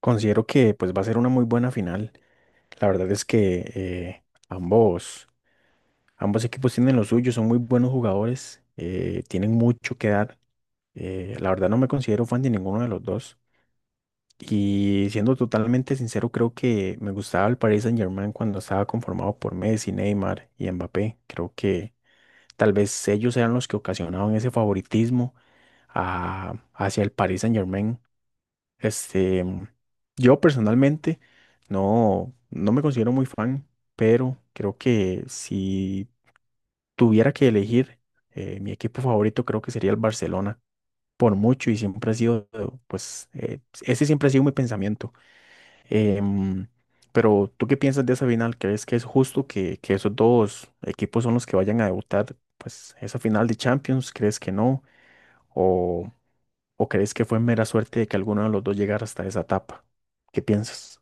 Considero que pues va a ser una muy buena final. La verdad es que ambos, ambos equipos tienen lo suyo, son muy buenos jugadores, tienen mucho que dar. La verdad no me considero fan de ninguno de los dos. Y siendo totalmente sincero, creo que me gustaba el Paris Saint-Germain cuando estaba conformado por Messi, Neymar y Mbappé. Creo que tal vez ellos eran los que ocasionaban ese favoritismo hacia el Paris Saint-Germain. Este, yo personalmente no me considero muy fan, pero creo que si tuviera que elegir mi equipo favorito, creo que sería el Barcelona, por mucho, y siempre ha sido, pues, ese siempre ha sido mi pensamiento. Em, pero, ¿tú qué piensas de esa final? ¿Crees que es justo que esos dos equipos son los que vayan a debutar, pues, esa final de Champions? ¿Crees que no? ¿O crees que fue mera suerte de que alguno de los dos llegara hasta esa etapa? ¿Qué piensas?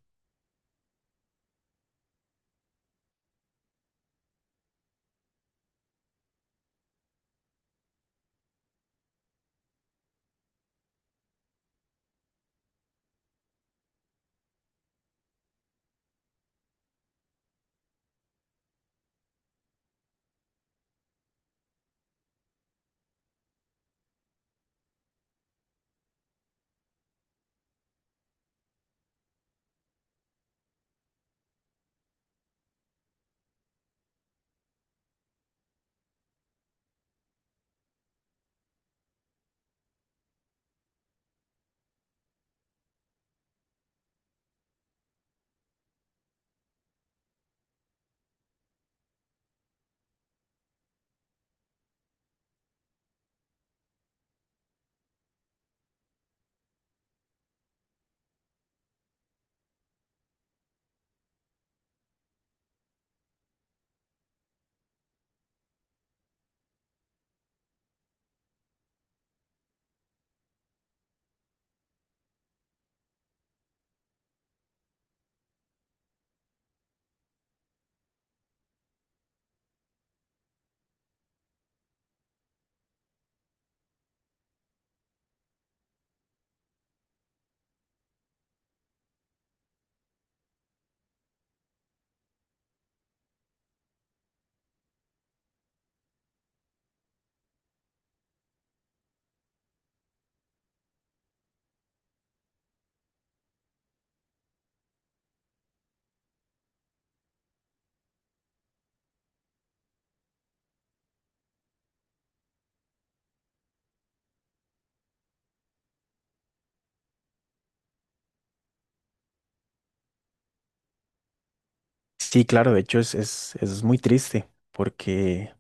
Sí, claro, de hecho es muy triste porque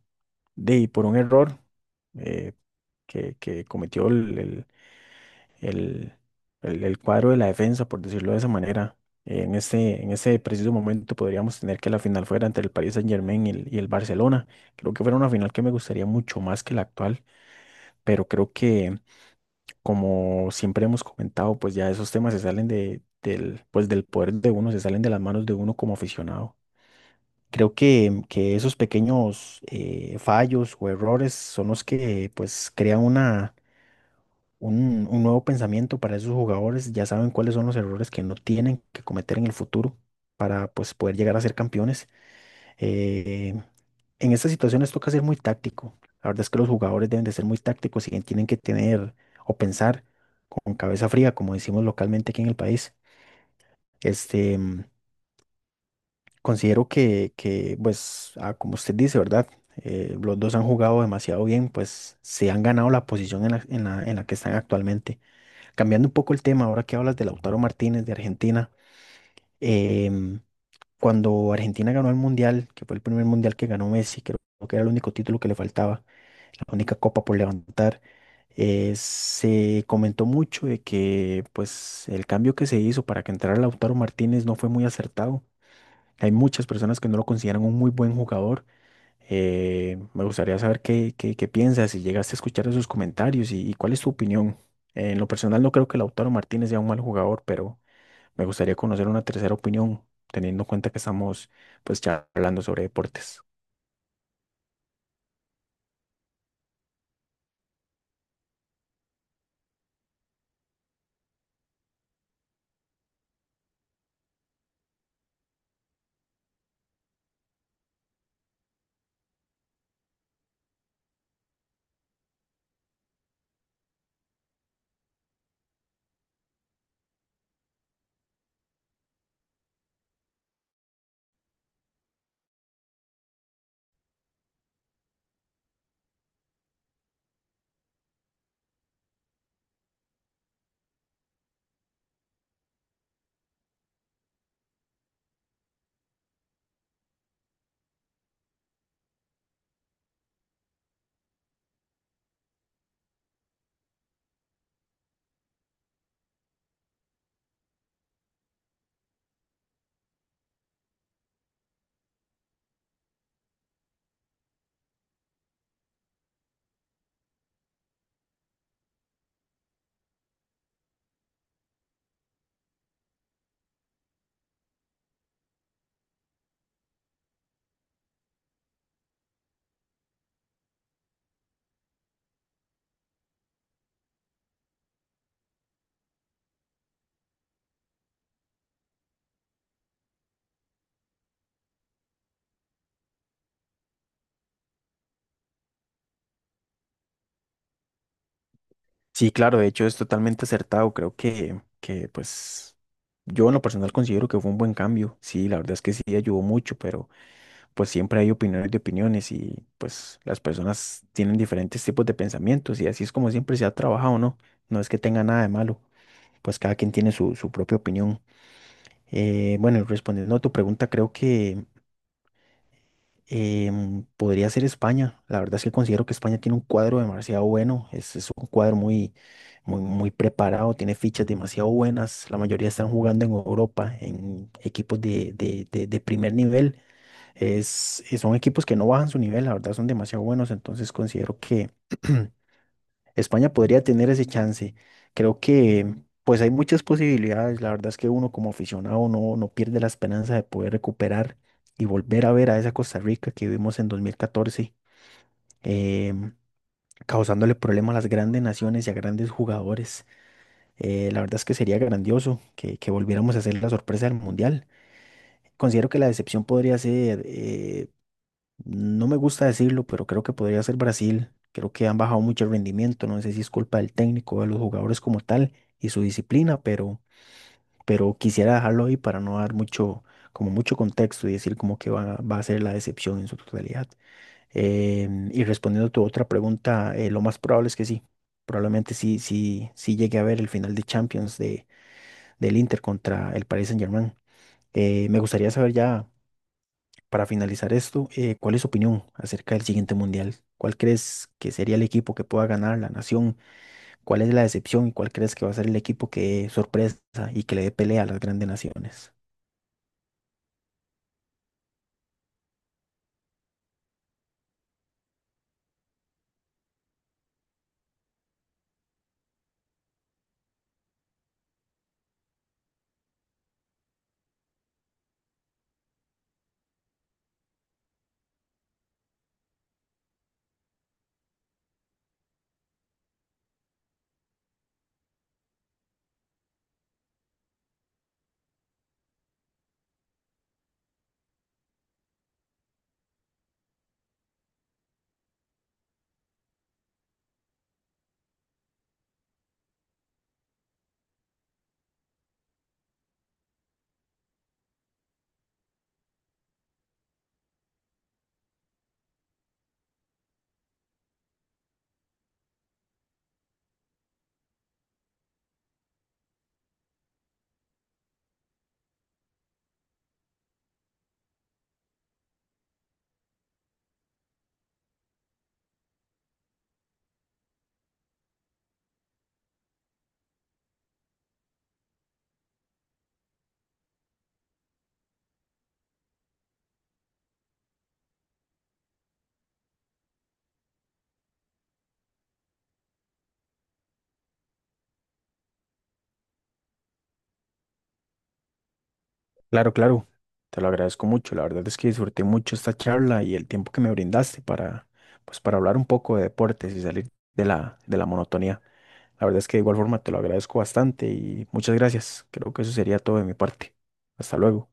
y por un error eh, que cometió el- el cuadro de la defensa, por decirlo de esa manera, en ese preciso momento podríamos tener que la final fuera entre el Paris Saint-Germain y el Barcelona. Creo que fuera una final que me gustaría mucho más que la actual, pero creo que como siempre hemos comentado, pues ya esos temas se salen del, pues del poder de uno, se salen de las manos de uno como aficionado. Creo que esos pequeños fallos o errores son los que pues crean un nuevo pensamiento para esos jugadores. Ya saben cuáles son los errores que no tienen que cometer en el futuro para pues poder llegar a ser campeones. Eh, en estas situaciones toca ser muy táctico. La verdad es que los jugadores deben de ser muy tácticos y tienen que tener o pensar con cabeza fría, como decimos localmente aquí en el país. Este, mm, considero pues, ah, como usted dice, ¿verdad? Los dos han jugado demasiado bien, pues se han ganado la posición en la que están actualmente. Cambiando un poco el tema, ahora que hablas de Lautaro Martínez de Argentina, eh, cuando Argentina ganó el Mundial, que fue el primer Mundial que ganó Messi, creo que era el único título que le faltaba, la única copa por levantar, se comentó mucho de que pues el cambio que se hizo para que entrara Lautaro Martínez no fue muy acertado. Hay muchas personas que no lo consideran un muy buen jugador. Me gustaría saber qué piensas, si llegaste a escuchar esos comentarios y cuál es tu opinión. En lo personal no creo que Lautaro Martínez sea un mal jugador, pero me gustaría conocer una tercera opinión, teniendo en cuenta que estamos pues charlando sobre deportes. Sí, claro, de hecho es totalmente acertado. Creo que pues yo en lo personal considero que fue un buen cambio. Sí, la verdad es que sí ayudó mucho, pero pues siempre hay opiniones de opiniones y pues las personas tienen diferentes tipos de pensamientos y así es como siempre se ha trabajado, ¿no? No es que tenga nada de malo, pues cada quien tiene su, su propia opinión. Bueno, y respondiendo a tu pregunta, creo que podría ser España. La verdad es que considero que España tiene un cuadro demasiado bueno. Es un cuadro muy preparado, tiene fichas demasiado buenas. La mayoría están jugando en Europa, en equipos de primer nivel. Son equipos que no bajan su nivel, la verdad son demasiado buenos. Entonces considero que España podría tener ese chance. Creo que pues hay muchas posibilidades. La verdad es que uno como aficionado no pierde la esperanza de poder recuperar y volver a ver a esa Costa Rica que vimos en 2014, em, causándole problemas a las grandes naciones y a grandes jugadores. La verdad es que sería grandioso que volviéramos a hacer la sorpresa del Mundial. Considero que la decepción podría ser no me gusta decirlo, pero creo que podría ser Brasil. Creo que han bajado mucho el rendimiento. No sé si es culpa del técnico, de los jugadores como tal y su disciplina, pero quisiera dejarlo ahí para no dar mucho, como mucho contexto y decir como que va a ser la decepción en su totalidad. Y respondiendo a tu otra pregunta, lo más probable es que sí. Probablemente sí llegue a ver el final de Champions del Inter contra el Paris Saint-Germain. Me gustaría saber ya. Para finalizar esto, ¿cuál es su opinión acerca del siguiente mundial? ¿Cuál crees que sería el equipo que pueda ganar la nación? ¿Cuál es la decepción y cuál crees que va a ser el equipo que dé sorpresa y que le dé pelea a las grandes naciones? Claro, claro, te lo agradezco mucho. La verdad es que disfruté mucho esta charla y el tiempo que me brindaste para, pues, para hablar un poco de deportes y salir de la monotonía. La verdad es que de igual forma te lo agradezco bastante y muchas gracias. Creo que eso sería todo de mi parte. Hasta luego.